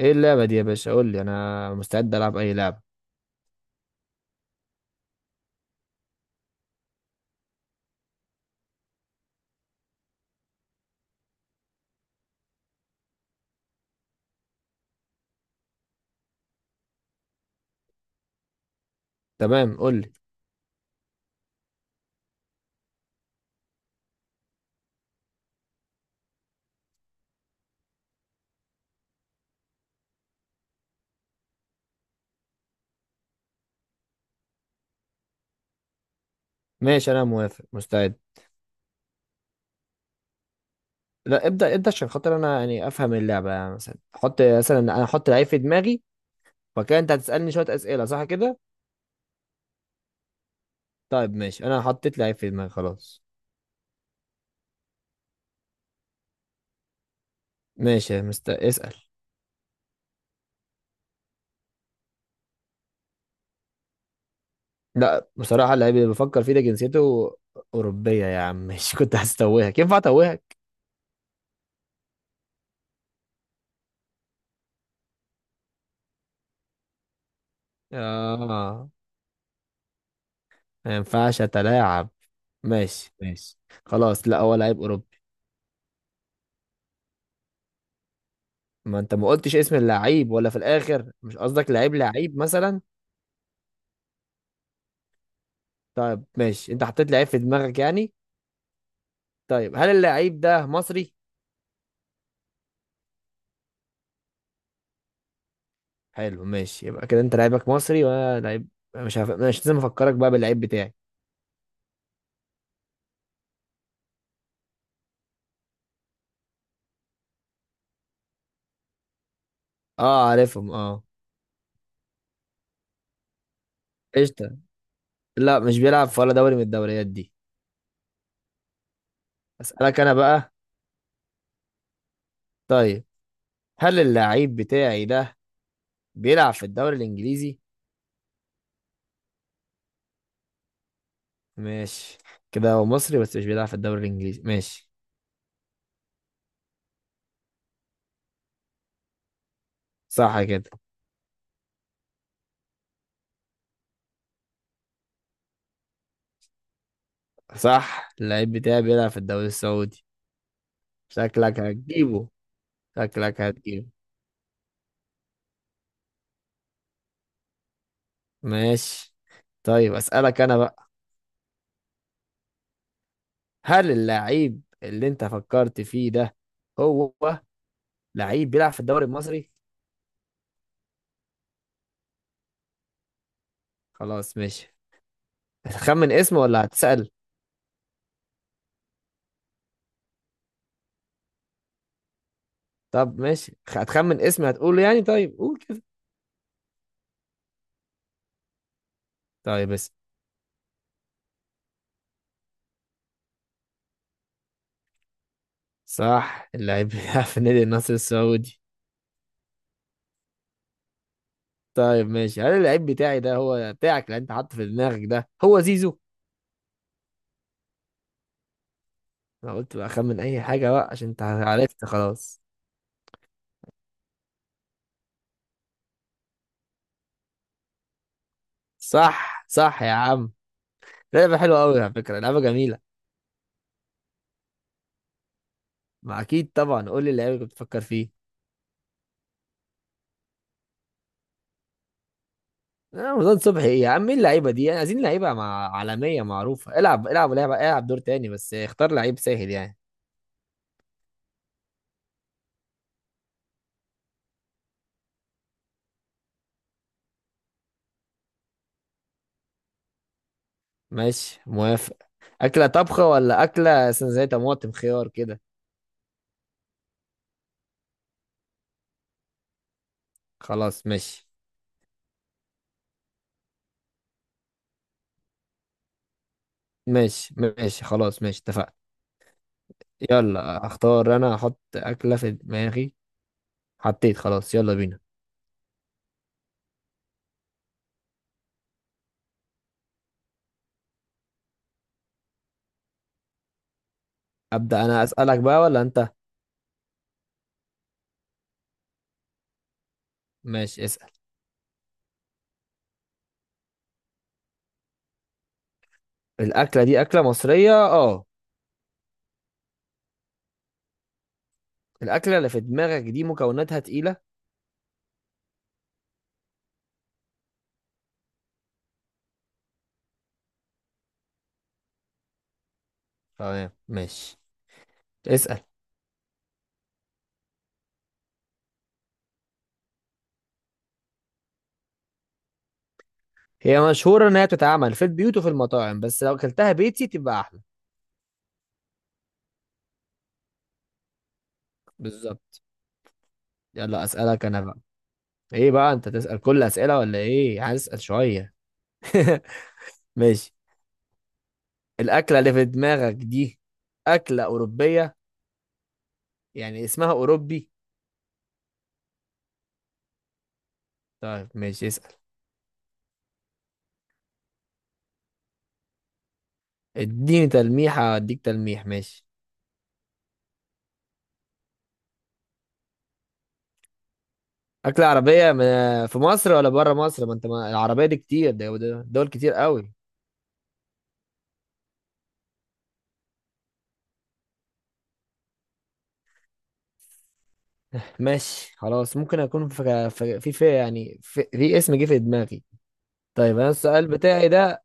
ايه اللعبة دي يا باشا؟ قول لي، انا مستعد العب اي لعبة. تمام، قول لي. ماشي، انا موافق مستعد. لا، ابدأ انت عشان خاطر انا يعني افهم اللعبة. يعني مثلا حط، مثلا انا احط لعيب في دماغي. فكده انت هتسألني شوية اسئلة، صح كده؟ طيب ماشي، انا حطيت لعيب في دماغي خلاص. ماشي، اسأل. لا، بصراحة اللعيب اللي بفكر فيه ده جنسيته أوروبية يا عم. مش كنت هستوهك؟ ينفع اتوهك؟ اه. ما ينفعش اتلاعب. ماشي ماشي. خلاص، لا هو لعيب أوروبي. ما انت ما قلتش اسم اللعيب؟ ولا في الاخر مش قصدك لعيب؟ لعيب مثلا. طيب ماشي، انت حطيت لعيب في دماغك يعني. طيب، هل اللعيب ده مصري؟ حلو ماشي، يبقى كده انت لعيبك مصري وانا لعيب. مش عارف، مش لازم افكرك بقى باللعيب بتاعي. اه عارفهم اه. قشطة. لا، مش بيلعب في ولا دوري من الدوريات دي. اسالك انا بقى. طيب، هل اللعيب بتاعي ده بيلعب في الدوري الانجليزي؟ ماشي. كده هو مصري بس مش بيلعب في الدوري الانجليزي، ماشي. صح كده. صح، اللعيب بتاعي بيلعب في الدوري السعودي. شكلك هتجيبه. شكلك هتجيبه. ماشي. طيب، أسألك أنا بقى. هل اللاعب اللي أنت فكرت فيه ده هو لعيب بيلعب في الدوري المصري؟ خلاص ماشي. هتخمن اسمه ولا هتسأل؟ طب ماشي، هتخمن اسمه هتقوله يعني؟ طيب قول كده. طيب اسم صح، اللاعب بيلعب في نادي النصر السعودي. طيب ماشي، هل اللعيب بتاعي ده هو بتاعك اللي أنت حاطه في دماغك ده هو زيزو؟ أنا قلت بقى أخمن أي حاجة بقى عشان أنت عرفت خلاص. صح صح يا عم. لعبة حلوة أوي، على فكرة لعبة جميلة. ما أكيد طبعا، قول لي اللعيبة اللي بتفكر فيه. رمضان صبحي إيه يا عم؟ مين اللعيبة دي يعني؟ عايزين لعيبة مع عالمية معروفة. العب العب لعبة، العب دور تاني بس اختار لعيب سهل يعني. ماشي موافق. أكلة طبخة ولا أكلة مثلا زي طماطم خيار كده؟ خلاص ماشي. ماشي ماشي خلاص ماشي، اتفقنا. يلا اختار، أنا أحط أكلة في دماغي. حطيت خلاص، يلا بينا. أبدأ أنا أسألك بقى ولا أنت؟ ماشي اسأل. الأكلة دي أكلة مصرية اه. الأكلة اللي في دماغك دي مكوناتها تقيلة؟ تمام ماشي، اسأل. هي مشهورة إن هي بتتعمل في البيوت وفي المطاعم، بس لو أكلتها بيتي تبقى أحلى. بالظبط. يلا أسألك أنا بقى. إيه بقى؟ أنت تسأل كل أسئلة ولا إيه؟ هسأل شوية. ماشي. الأكلة اللي في دماغك دي أكلة أوروبية، يعني اسمها أوروبي؟ طيب ماشي، اسأل. اديني تلميحة أديك تلميح، ماشي. أكلة عربية في مصر ولا بره مصر؟ ما أنت، ما العربية دي كتير، دول كتير قوي. ماشي خلاص، ممكن اكون في اسم جه في دماغي. طيب انا السؤال بتاعي ده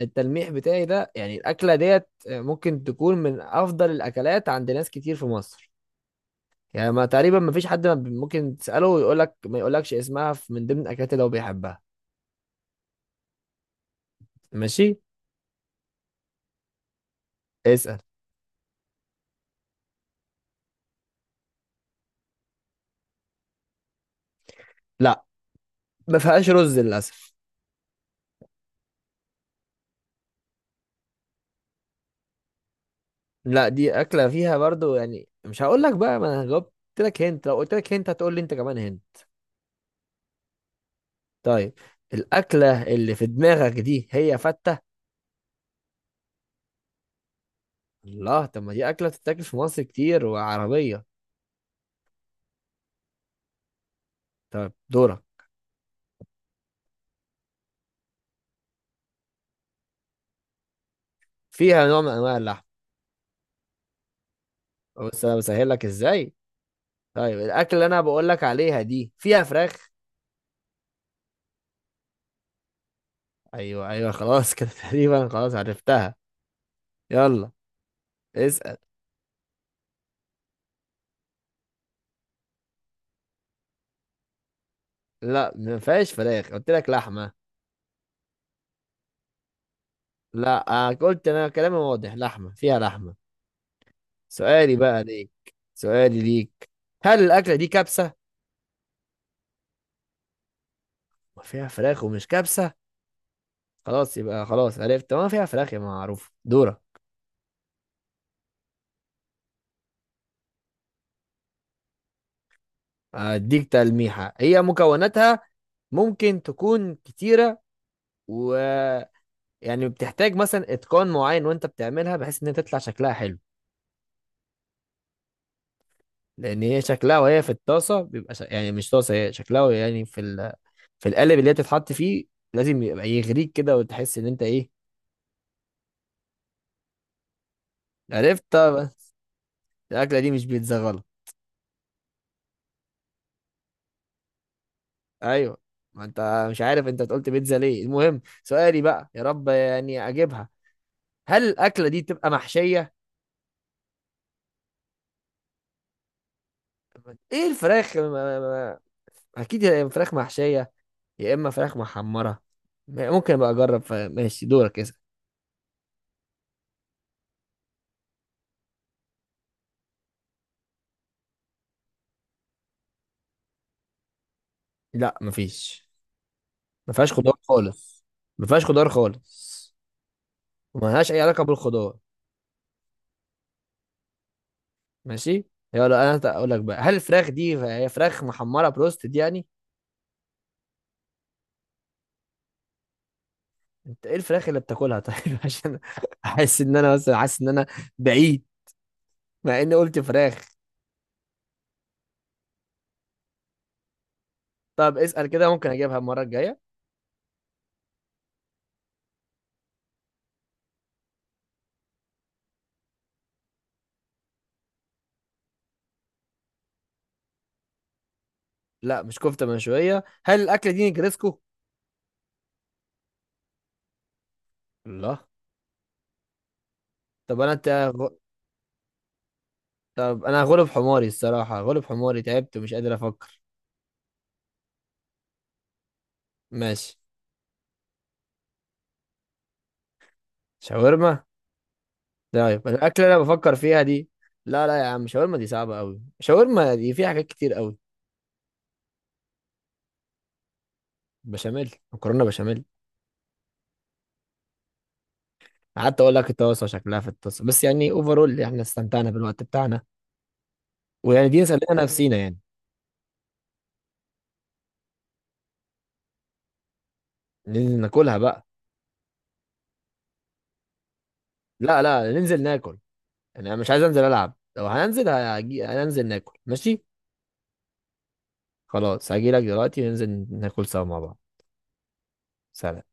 التلميح بتاعي ده يعني الاكله ديت ممكن تكون من افضل الاكلات عند ناس كتير في مصر. يعني ما تقريبا ما فيش حد ما بي- ممكن تساله ويقول لك ما يقولكش اسمها من ضمن الاكلات اللي هو بيحبها. ماشي، اسال. لا، ما فيهاش رز للاسف. لا، دي اكله فيها برضو يعني، مش هقول لك بقى، ما انا جاوبت لك هنت. لو قلت لك هنت هتقول لي انت كمان هنت. طيب الأكلة اللي في دماغك دي هي فتة؟ الله. طب ما دي أكلة بتتاكل في مصر كتير وعربية. طيب دورك. فيها نوع من أنواع اللحم. بس أنا بسهل لك إزاي؟ طيب الأكلة اللي أنا بقول لك عليها دي فيها فراخ؟ أيوه أيوه، خلاص كده، تقريبا خلاص عرفتها. يلا اسأل. لا، ما فيهاش فراخ، قلت لك لحمة. لا، قلت أنا كلامي واضح، لحمة فيها لحمة. سؤالي بقى ليك سؤالي ليك، هل الأكلة دي كبسة؟ ما فيها فراخ ومش كبسة. خلاص يبقى، خلاص عرفت، ما فيها فراخ يا معروف، دورة. اديك تلميحة، هي مكوناتها ممكن تكون كتيرة، و يعني بتحتاج مثلا اتقان معين، وانت بتعملها بحيث ان هي تطلع شكلها حلو. لان هي شكلها وهي في الطاسة بيبقى يعني مش طاسة، هي شكلها وهي يعني في القالب اللي هي تتحط فيه. لازم يبقى يغريك كده وتحس ان انت ايه. عرفت طب. الاكلة دي مش بيتزا، غلط. ايوه، ما انت مش عارف انت قلت بيتزا ليه؟ المهم، سؤالي بقى، يا رب يعني اجيبها. هل الاكله دي تبقى محشيه؟ ايه الفراخ اكيد يا إما فراخ محشيه، يا اما فراخ محمره. ممكن ابقى اجرب ماشي، دورك اسال. لا مفيش. ما فيهاش خضار خالص. ما فيهاش خضار خالص. وما لهاش اي علاقه بالخضار. ماشي. يلا انا اقول لك بقى، هل الفراخ دي هي فراخ محمره بروستد يعني؟ انت ايه الفراخ اللي بتاكلها طيب؟ عشان احس ان انا مثلا حاسس ان انا بعيد، مع اني قلت فراخ. طب اسال كده ممكن اجيبها المره الجايه. لا، مش كفتة مشوية. هل الأكلة دي نجرسكو؟ الله. طب أنا ت... طب أنا هغلب حماري الصراحة، هغلب حماري، تعبت ومش قادر أفكر. ماشي. شاورما؟ طيب الأكلة اللي أنا بفكر فيها دي لا لا يا عم، شاورما دي صعبة أوي، شاورما دي فيها حاجات كتير أوي. بشاميل، مكرونة بشاميل. قعدت أقول لك الطاسة شكلها في الطاسة، بس يعني أوفرول إحنا استمتعنا بالوقت بتاعنا. ويعني دي نسلينا نفسينا يعني. ننزل ناكلها بقى. لا لا، ننزل ناكل. أنا مش عايز أنزل ألعب، لو هننزل هننزل ناكل ماشي. خلاص هجيلك دلوقتي، ننزل ناكل سوا مع بعض. سلام.